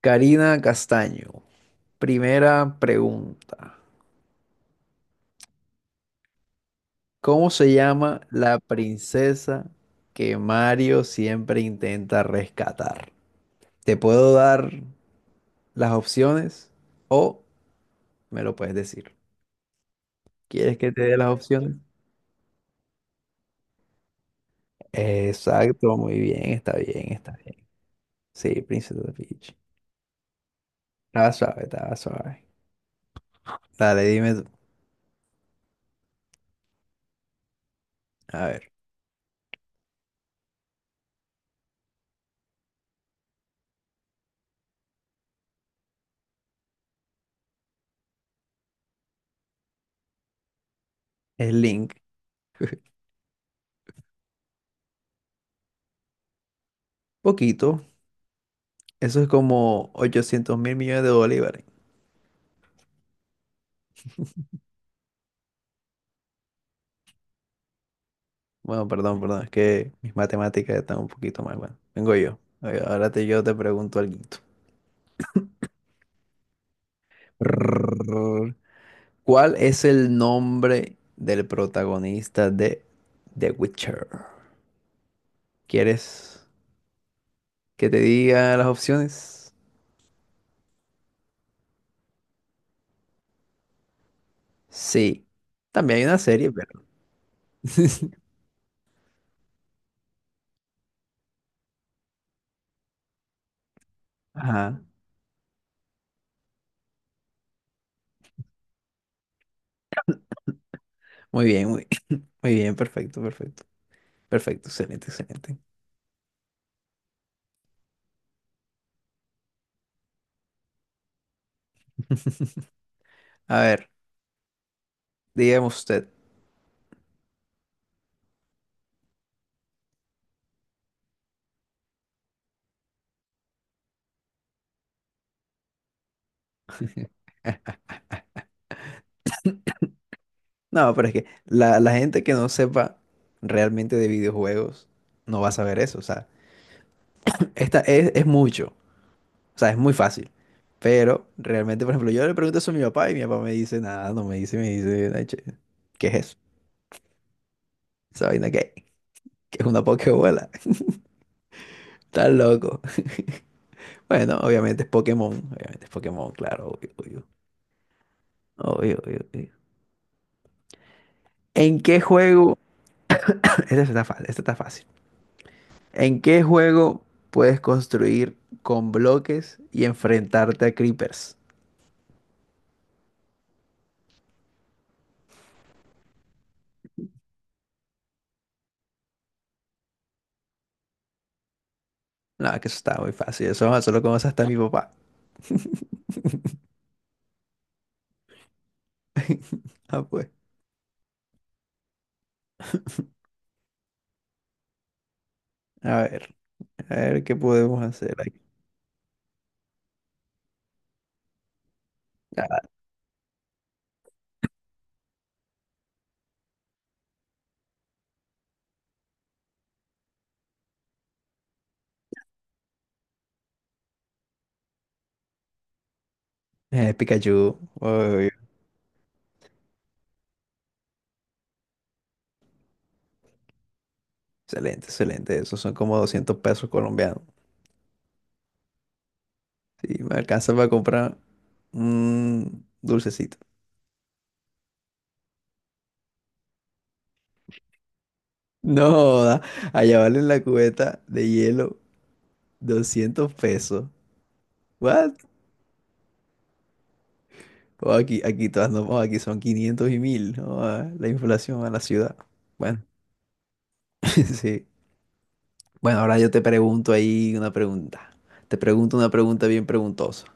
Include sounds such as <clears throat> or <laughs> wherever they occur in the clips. Karina Castaño, primera pregunta. ¿Cómo se llama la princesa que Mario siempre intenta rescatar? ¿Te puedo dar las opciones o me lo puedes decir? ¿Quieres que te dé las opciones? Exacto, muy bien, está bien, está bien. Sí, Princesa Peach. Estaba suave, estaba suave. Dale, dime tú. A ver, es Link. Poquito. Eso es como 800 mil millones de bolívares. Bueno, perdón, perdón, es que mis matemáticas están un poquito mal. Bueno, vengo yo. Oye, ahora yo te pregunto algo. Prrrr. ¿Cuál es el nombre del protagonista de The Witcher? ¿Quieres que te diga las opciones? Sí. También hay una serie, pero... <laughs> Ajá. Muy bien, <coughs> <laughs> muy bien, perfecto, perfecto. Perfecto, excelente, excelente. <laughs> A ver, dígame usted. <laughs> No, pero es que la gente que no sepa realmente de videojuegos no va a saber eso. O sea, <laughs> esta es mucho. O sea, es muy fácil. Pero realmente, por ejemplo, yo le pregunto eso a mi papá y mi papá me dice nada, no me dice, me dice, "Ay, che, ¿qué es eso? ¿Esa vaina qué? ¿Qué es una pokebola?" <laughs> Está loco. <laughs> Bueno, obviamente es Pokémon. Obviamente es Pokémon, claro, obvio, obvio. Obvio, obvio, obvio. ¿En qué juego? <laughs> Esta está fácil, esta está fácil. ¿En qué juego puedes construir con bloques y enfrentarte a creepers? No, que eso está muy fácil. Eso solo conoce hasta mi papá. Ah, pues. A ver, a ver qué podemos hacer aquí. Ah, Pikachu. Uy, excelente, excelente. Esos son como 200 pesos colombianos. Sí, me alcanza para comprar un dulcecito. No, da, allá vale la cubeta de hielo 200 pesos. ¿What? O aquí, aquí todas no, o aquí son 500 y mil, ¿no? Ah, la inflación a la ciudad. Bueno, <laughs> sí. Bueno, ahora yo te pregunto ahí una pregunta. Te pregunto una pregunta bien preguntosa.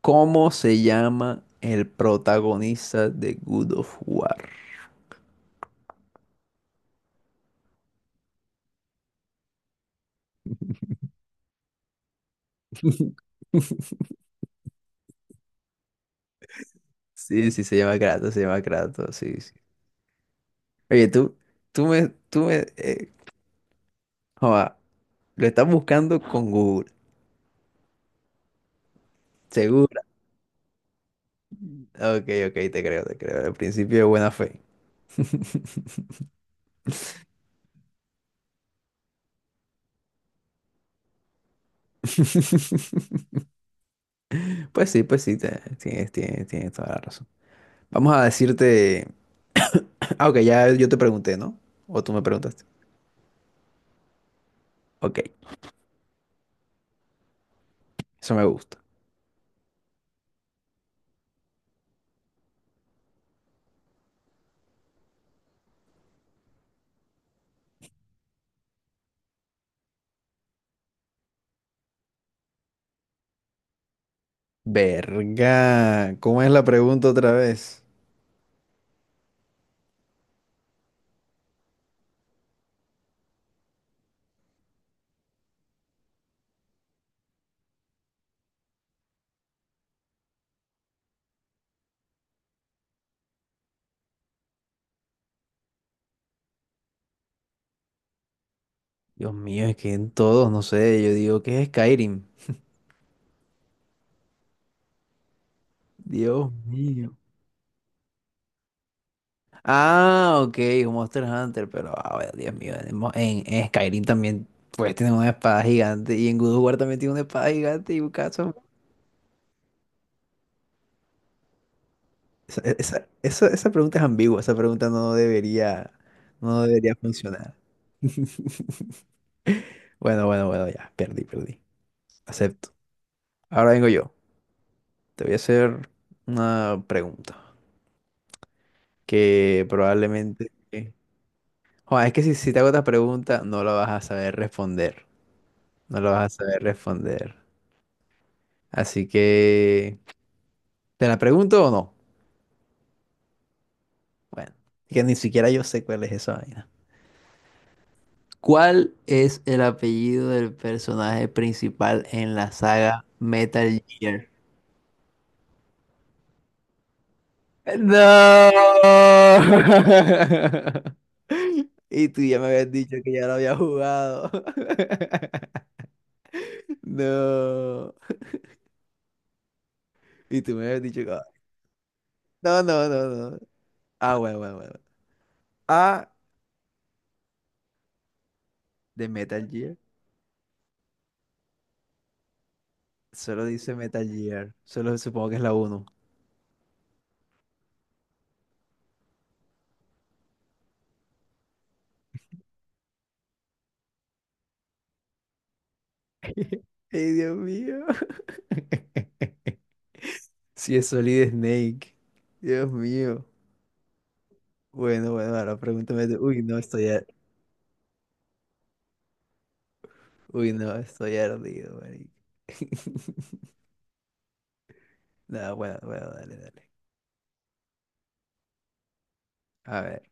¿Cómo se llama el protagonista de Good of War? Sí, sí, se llama Kratos, sí, sí. Oye, tú me, tú me, eh, joda, lo estás buscando con Google, ¿segura? Ok, ok, te creo, al principio de buena fe. <laughs> Pues sí, tienes toda la razón. Vamos a decirte... <coughs> <clears throat> Ah, ok, ya yo te pregunté, ¿no? O tú me preguntaste. Ok, eso me gusta. Verga, ¿cómo es la pregunta otra vez? Dios mío, es que en todos, no sé, yo digo, ¿qué es Skyrim? Dios mío. Ah, ok, un Monster Hunter, pero, ah, bueno, Dios mío, en Skyrim también, pues, tiene una espada gigante, y en God of War también tiene una espada gigante y un caso. Esa pregunta es ambigua, esa pregunta no debería, no debería funcionar. <laughs> Bueno, bueno, bueno, ya, perdí, perdí. Acepto. Ahora vengo yo. Te voy a hacer una pregunta que probablemente... Joder, es que si te hago esta pregunta no la vas a saber responder. No la vas a saber responder. Así que... ¿Te la pregunto o no? Bueno, que ni siquiera yo sé cuál es esa vaina. ¿Cuál es el apellido del personaje principal en la saga Metal Gear? No. <laughs> Y tú ya me habías dicho que ya lo había jugado. <laughs> No. Y tú me habías dicho que... No, no, no, no. Ah, bueno, bueno, bueno. Ah, de Metal Gear. Solo dice Metal Gear. Solo supongo que es la uno. <laughs> Ay, Dios mío. <laughs> Sí, es Solid Snake. Dios mío. Bueno, bueno, ahora pregúntame tú. Uy, no, estoy, ar- Uy, no, estoy ardido, marico. <laughs> No, bueno, bueno, dale, dale. A ver,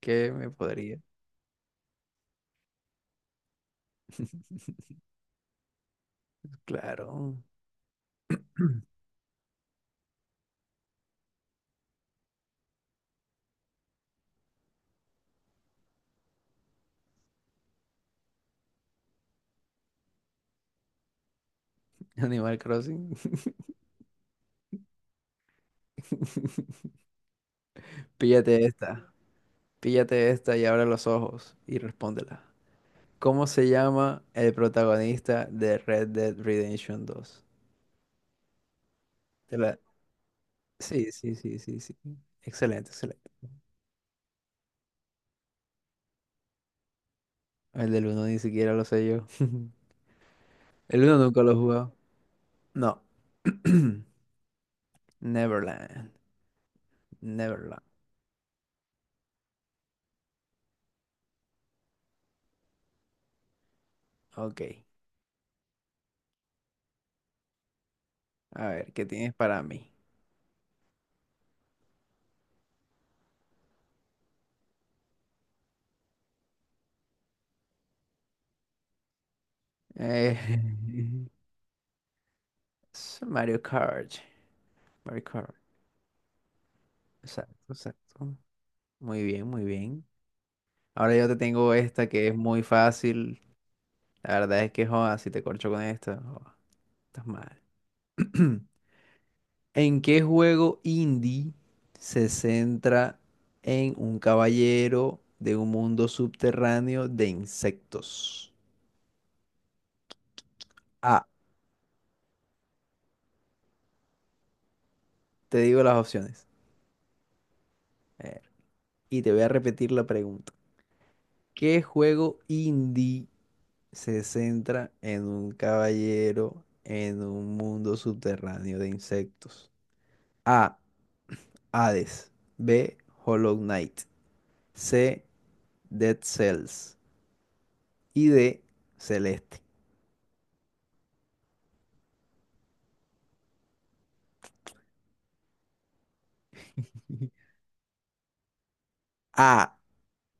¿qué me podría? <laughs> Claro. Animal Crossing. <laughs> Píllate esta. Píllate esta y abre los ojos y respóndela. ¿Cómo se llama el protagonista de Red Dead Redemption dos? Te la- Sí, sí, sí, sí, sí. Excelente, excelente. El del uno ni siquiera lo sé yo. <laughs> El uno nunca lo he jugado. No. <clears throat> Neverland. Neverland. Ok. A ver, ¿qué tienes para mí? Eh, <laughs> es Mario Kart. Mario Kart. Exacto, exacto. Muy bien, muy bien. Ahora yo te tengo esta que es muy fácil. La verdad es que, joda, si te corcho con esta, joda, estás mal. <clears throat> ¿En qué juego indie se centra en un caballero de un mundo subterráneo de insectos? A, te digo las opciones. A ver, y te voy a repetir la pregunta. ¿Qué juego indie se centra en un caballero en un mundo subterráneo de insectos? A, Hades. B, Hollow Knight. C, Dead Cells. Y D, Celeste. <laughs> A,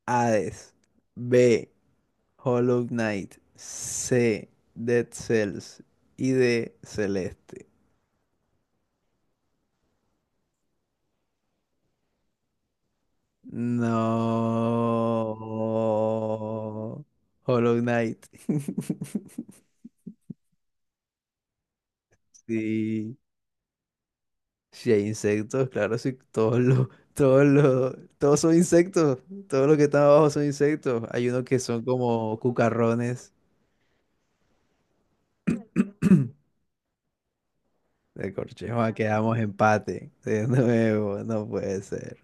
Hades. B, Hollow Knight. C, Dead Cells. Y D, Celeste. No. Hollow Knight. <laughs> Sí. Si hay insectos, claro, sí. Todos son insectos. Todos los que están abajo son insectos. Hay unos que son como cucarrones de corchejo. Ah, quedamos empate. De nuevo, no puede ser.